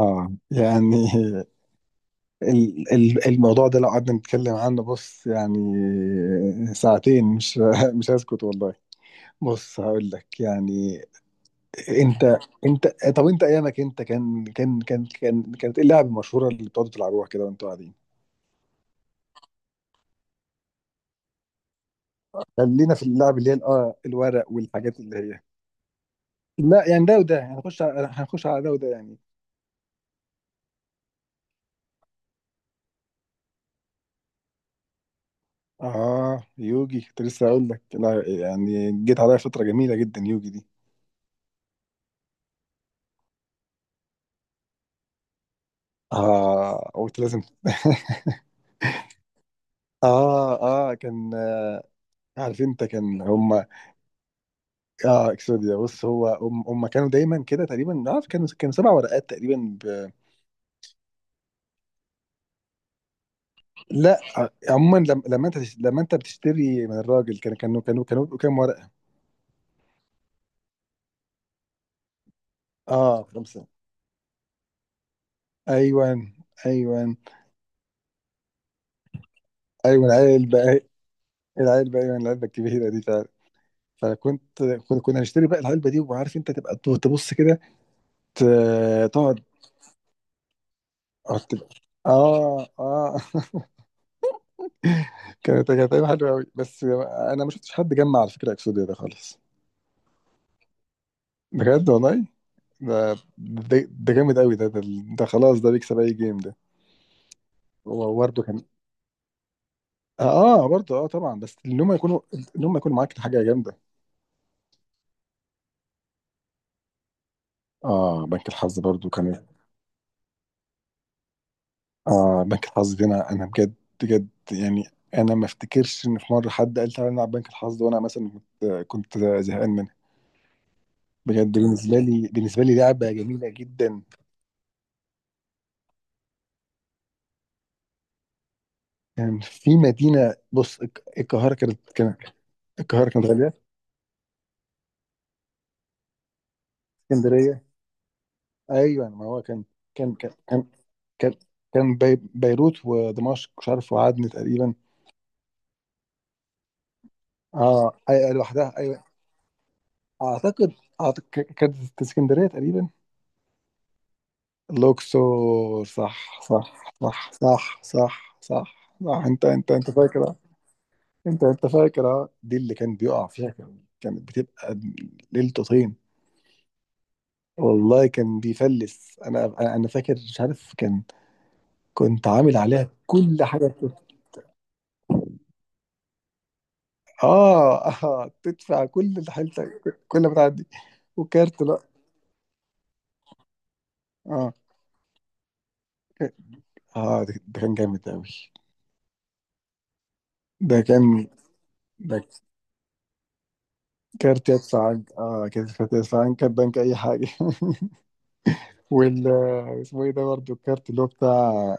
اه يعني الموضوع ده لو قعدنا نتكلم عنه، بص يعني ساعتين، مش مش هسكت والله. بص هقول لك يعني. انت انت طب انت ايامك انت كانت ايه اللعبه المشهوره اللي بتقعدوا تلعبوها كده وانتوا قاعدين؟ خلينا في اللعب اللي هي ال- اه الورق والحاجات اللي هي. لا يعني ده وده هنخش على ده وده يعني. اه يوجي كنت لسه هقول لك، لا يعني جيت عليا فتره جميله جدا يوجي دي. اه، قلت لازم. اه، اه، كان. عارف انت، كان هم. اه، اكسوديا، بص هو هم كانوا دايما كده تقريبا. عارف، كانوا كانوا 7 ورقات تقريبا ب... لا آه، عموما، لما لما انت بتشتري من الراجل، كانوا بيبقوا كام ورقة؟ اه، خمسة. ايوه، ايوه، ايوه. العلبة. العلبة، ايوه العلبة الكبيرة دي فعلا. فكنت. كنا نشتري بقى العلبة دي وعارف، انت تبقى تبص كده، ت- تقعد. اه، تبقى. اه، آه. كانت ايام حلوه قوي بس. انا ما شفتش حد جمع على فكره اكسوديا ده خالص. بجد والله. ده ده, ده جامد قوي ده، ده. ده خلاص ده بيكسب اي جيم ده. هو برضه كان. اه، آه، برضه، طبعا. بس ان هم يكونوا. ان هم يكونوا معاك حاجه جامده. اه، بنك الحظ برضه كان. اه، بنك الحظ دي انا بجد. بجد يعني. انا ما افتكرش ان في مره حد قال تعالى نلعب بنك الحظ وانا مثلا كنت زهقان منها. بجد، بالنسبه لي لعبه جميله جدا. كان في مدينة، بص، الك- القاهرة كانت. القاهرة كانت غالية. اسكندرية. أيوة، ما هو كان كان كان كان, كان، بي بيروت ودمشق، مش عارف، وعدن تقريبا. اه، أيوة، لوحدها، أيوة. أعتقد أعتقد ك- كانت اسكندرية تقريبا. الأقصر. صح، صح، صح، صح، صح، صح، صح. أنت فاكر، أه؟ أنت فاكر أه؟ دي اللي كان بيقع فيها، كانت بتبقى ليلته طين. والله كان بيفلس. انا انا أنا فاكر، مش عارف، كان كنت عامل عليها كل حاجه بت- اه، اه، تدفع كل اللي حيلتك كل ما تعدي. وكارت، لا. اه، اه. ده كان جامد قوي. ده كان ده كارت يدفع عنك. اه، كارت يدفع عنك كارت بنك اي حاجه. وال، اسمه ايه ده برضه الكارت اللي هو بتاع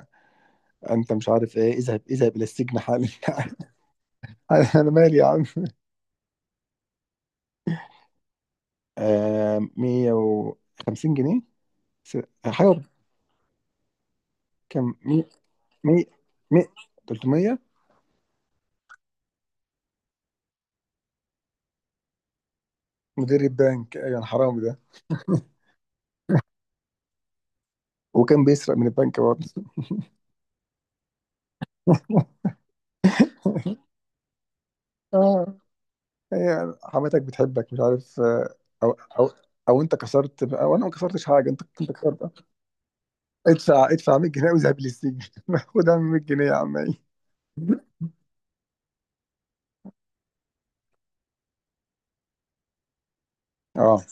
انت، مش عارف ايه؟ اذهب الى السجن حالا. انا مالي يا عم. آه، 150 جنيه. س-، حاجه. كان مي، مي، مي، 300. مدير البنك، ايوه، الحرامي ده. وكان بيسرق من البنك برضه. اه، هي حماتك بتحبك، مش عارف. آه، او، او او انت كسرت، او انا ما كسرتش حاجه، انت كسرت. آه. ادفع، ادفع 100 جنيه واذهب للسجن. خد يا عم 100 جنيه يا عم. إيه. اه،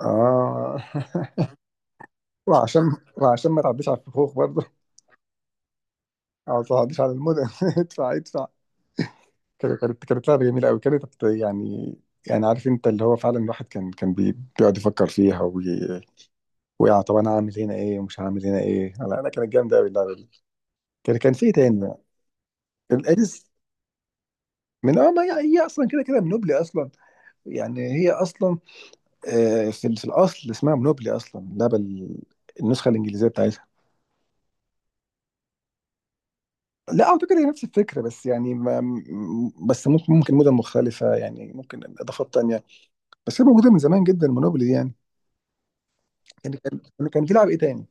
اه. وعشان وعشان ما تعديش على الفخوخ برضه. او ما تعديش على المدن. ادفع، ادفع. كانت لعبة جميلة أوي كانت يعني. يعني عارف أنت، اللي هو فعلا الواحد كان بي- بيقعد يفكر فيها وي... ويا طب، أنا هعمل هنا إيه ومش هعمل هنا إيه. لا، أنا كانت جامدة أوي اللعبة دي. كان في إيه تاني؟ الأريس. من، أه، ما هي، هي أصلا كده كده منوبلي أصلا. يعني هي أصلا آه، في ال- في الأصل اسمها منوبلي أصلا، اللعبة ال- النسخة الإنجليزية بتاعتها. لا، أعتقد هي نفس الفكرة، بس يعني، ما م-، بس ممكن مدن مختلفة، يعني ممكن إضافات تانية. بس هي موجودة من زمان جدا، منوبلي يعني. كان بيلعب ايه تاني؟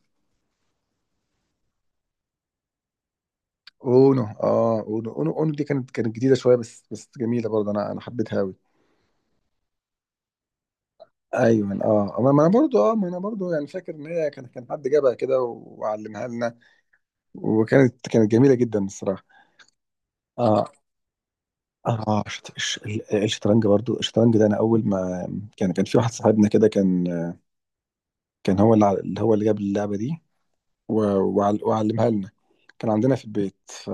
اونو. اونو دي كانت جديده شويه، بس جميله برضه، انا حبيتها قوي. ايوه، اه، ما انا برضه، اه، ما انا برضه يعني فاكر ان هي كان حد جابها كده وعلمها لنا. كانت جميله جدا الصراحه. اه، اه، شط-، الش-، ال- الشطرنج برضه، الشطرنج ده انا اول ما كان في واحد صاحبنا كده كان. كان هو اللي ع-، اللي هو اللي جاب اللعبه دي، و-، وعل-، وعلمها لنا. كان عندنا في البيت، ف...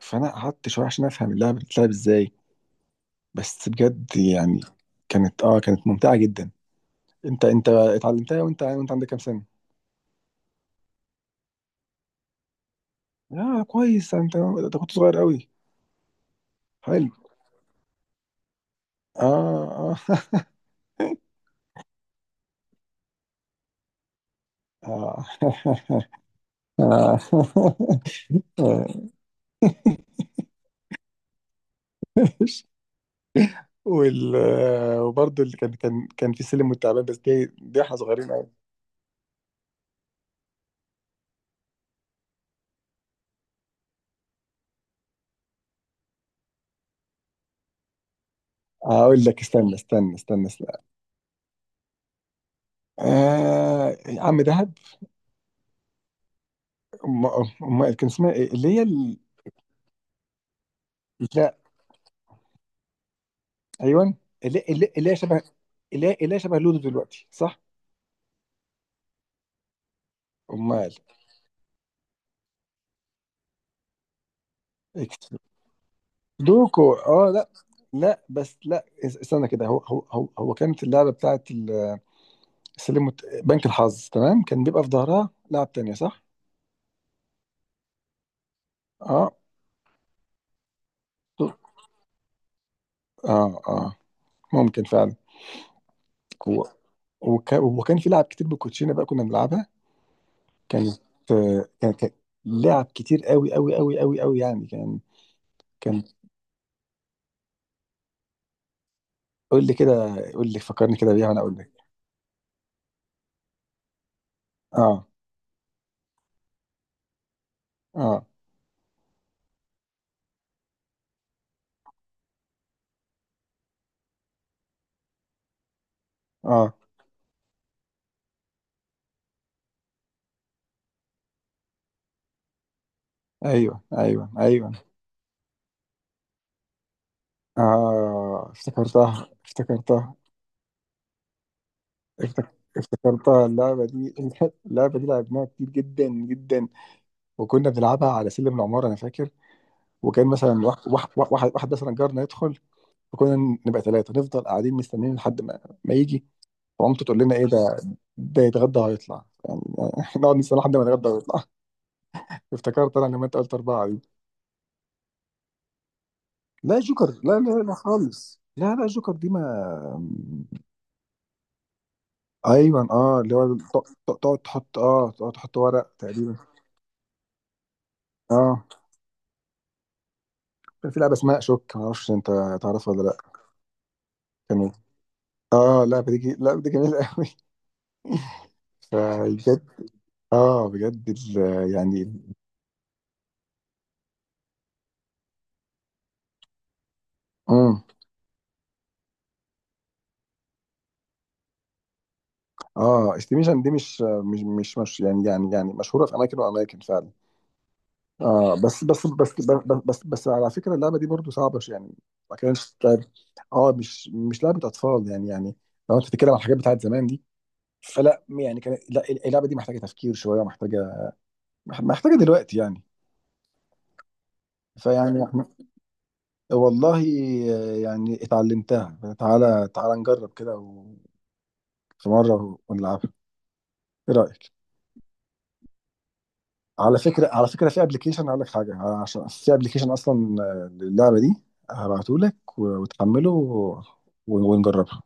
فانا قعدت شويه عشان افهم اللعبه بتتلعب ازاي. بس بجد يعني، كانت ممتعة جدا. انت اتعلمتها، وانت عندك كام سنة؟ اه، كويس، انت كنت صغير قوي. حلو. اه، اه. اه. آه. آه. وال، وبرضه اللي كان في سلم والتعبان، بس دي احنا صغيرين قوي. هقول لك، استنى. آه، عم دهب. ام ام أم-، كان اسمها ايه اللي هي ال...؟ ايوه. اللي هي شبه. اللي هي شبه لودو دلوقتي، صح؟ امال. إكس-، دوكو، اه، لا. لا، بس، لا، اس-، استنى كده. هو كانت اللعبه بتاعت ال- السلم وت- بنك الحظ، تمام. كان بيبقى في ظهرها لعب تانية، صح. اه، اه، اه، ممكن فعلا. هو، وك- وكان في لعب كتير بالكوتشينه بقى، كنا بنلعبها. كانت كان لعب كتير قوي قوي قوي قوي قوي يعني، كان. كان. قول لي كده، قول لي، فكرني كده بيها وانا اقول لك. اه، اه، اه، ايوه، ايوه، ايوه، اه، افتكرتها، افتكرتها. افتك- افتكرتها اللعبه دي. اللعبه دي لعبناها كتير جدا جدا وكنا بنلعبها على سلم العماره، انا فاكر. وكان مثلا واحد مثلا جارنا يدخل وكنا نبقى ثلاثه، نفضل قاعدين مستنيين لحد ما يجي، ومامته تقول لنا ايه ده، ده يتغدى وهيطلع يعني. نقعد نستنى لحد ما يتغدى ويطلع. افتكرت انا لما انت قلت اربعه دي. لا، جوكر، لا، لا، لا خالص، لا، لا جوكر دي ما. ايوه، اه، اللي هو ت-، ت- تقعد تحط، ورق تقريبا. اه، كان في لعبه اسمها شوك، ما اعرفش انت تعرفها ولا لا. كان إيه؟ اه، اللعبه دي جي-، اللعبه دي جميله قوي. فبجد. اه، بجد، ال- يعني. امم اه، استيميشن دي مش يعني مشهوره في اماكن واماكن فعلا. اه، بس على فكره اللعبه دي برضو صعبه، ش- يعني. ما كانش لعب. اه، مش لعبه اطفال يعني لو انت بتتكلم عن الحاجات بتاعت زمان دي. فلا يعني كان، لا اللعبه دي محتاجه تفكير شويه ومحتاجه. محتاجه دلوقتي يعني. فيعني احنا، والله، يعني اتعلمتها. تعالى تعالى نجرب كده و- في مره ونلعبها. ايه رايك؟ على فكره في ابلكيشن، اقول لك حاجه، عشان في ابلكيشن اصلا للعبه دي، هبعته لك وتحمله و- ونجربها.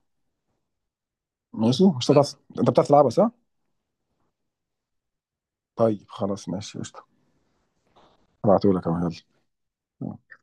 ماشي، مش هتعرف. انت بتعرف تلعبها، صح؟ طيب خلاص ماشي قشطه. هبعته لك اهو. يلا.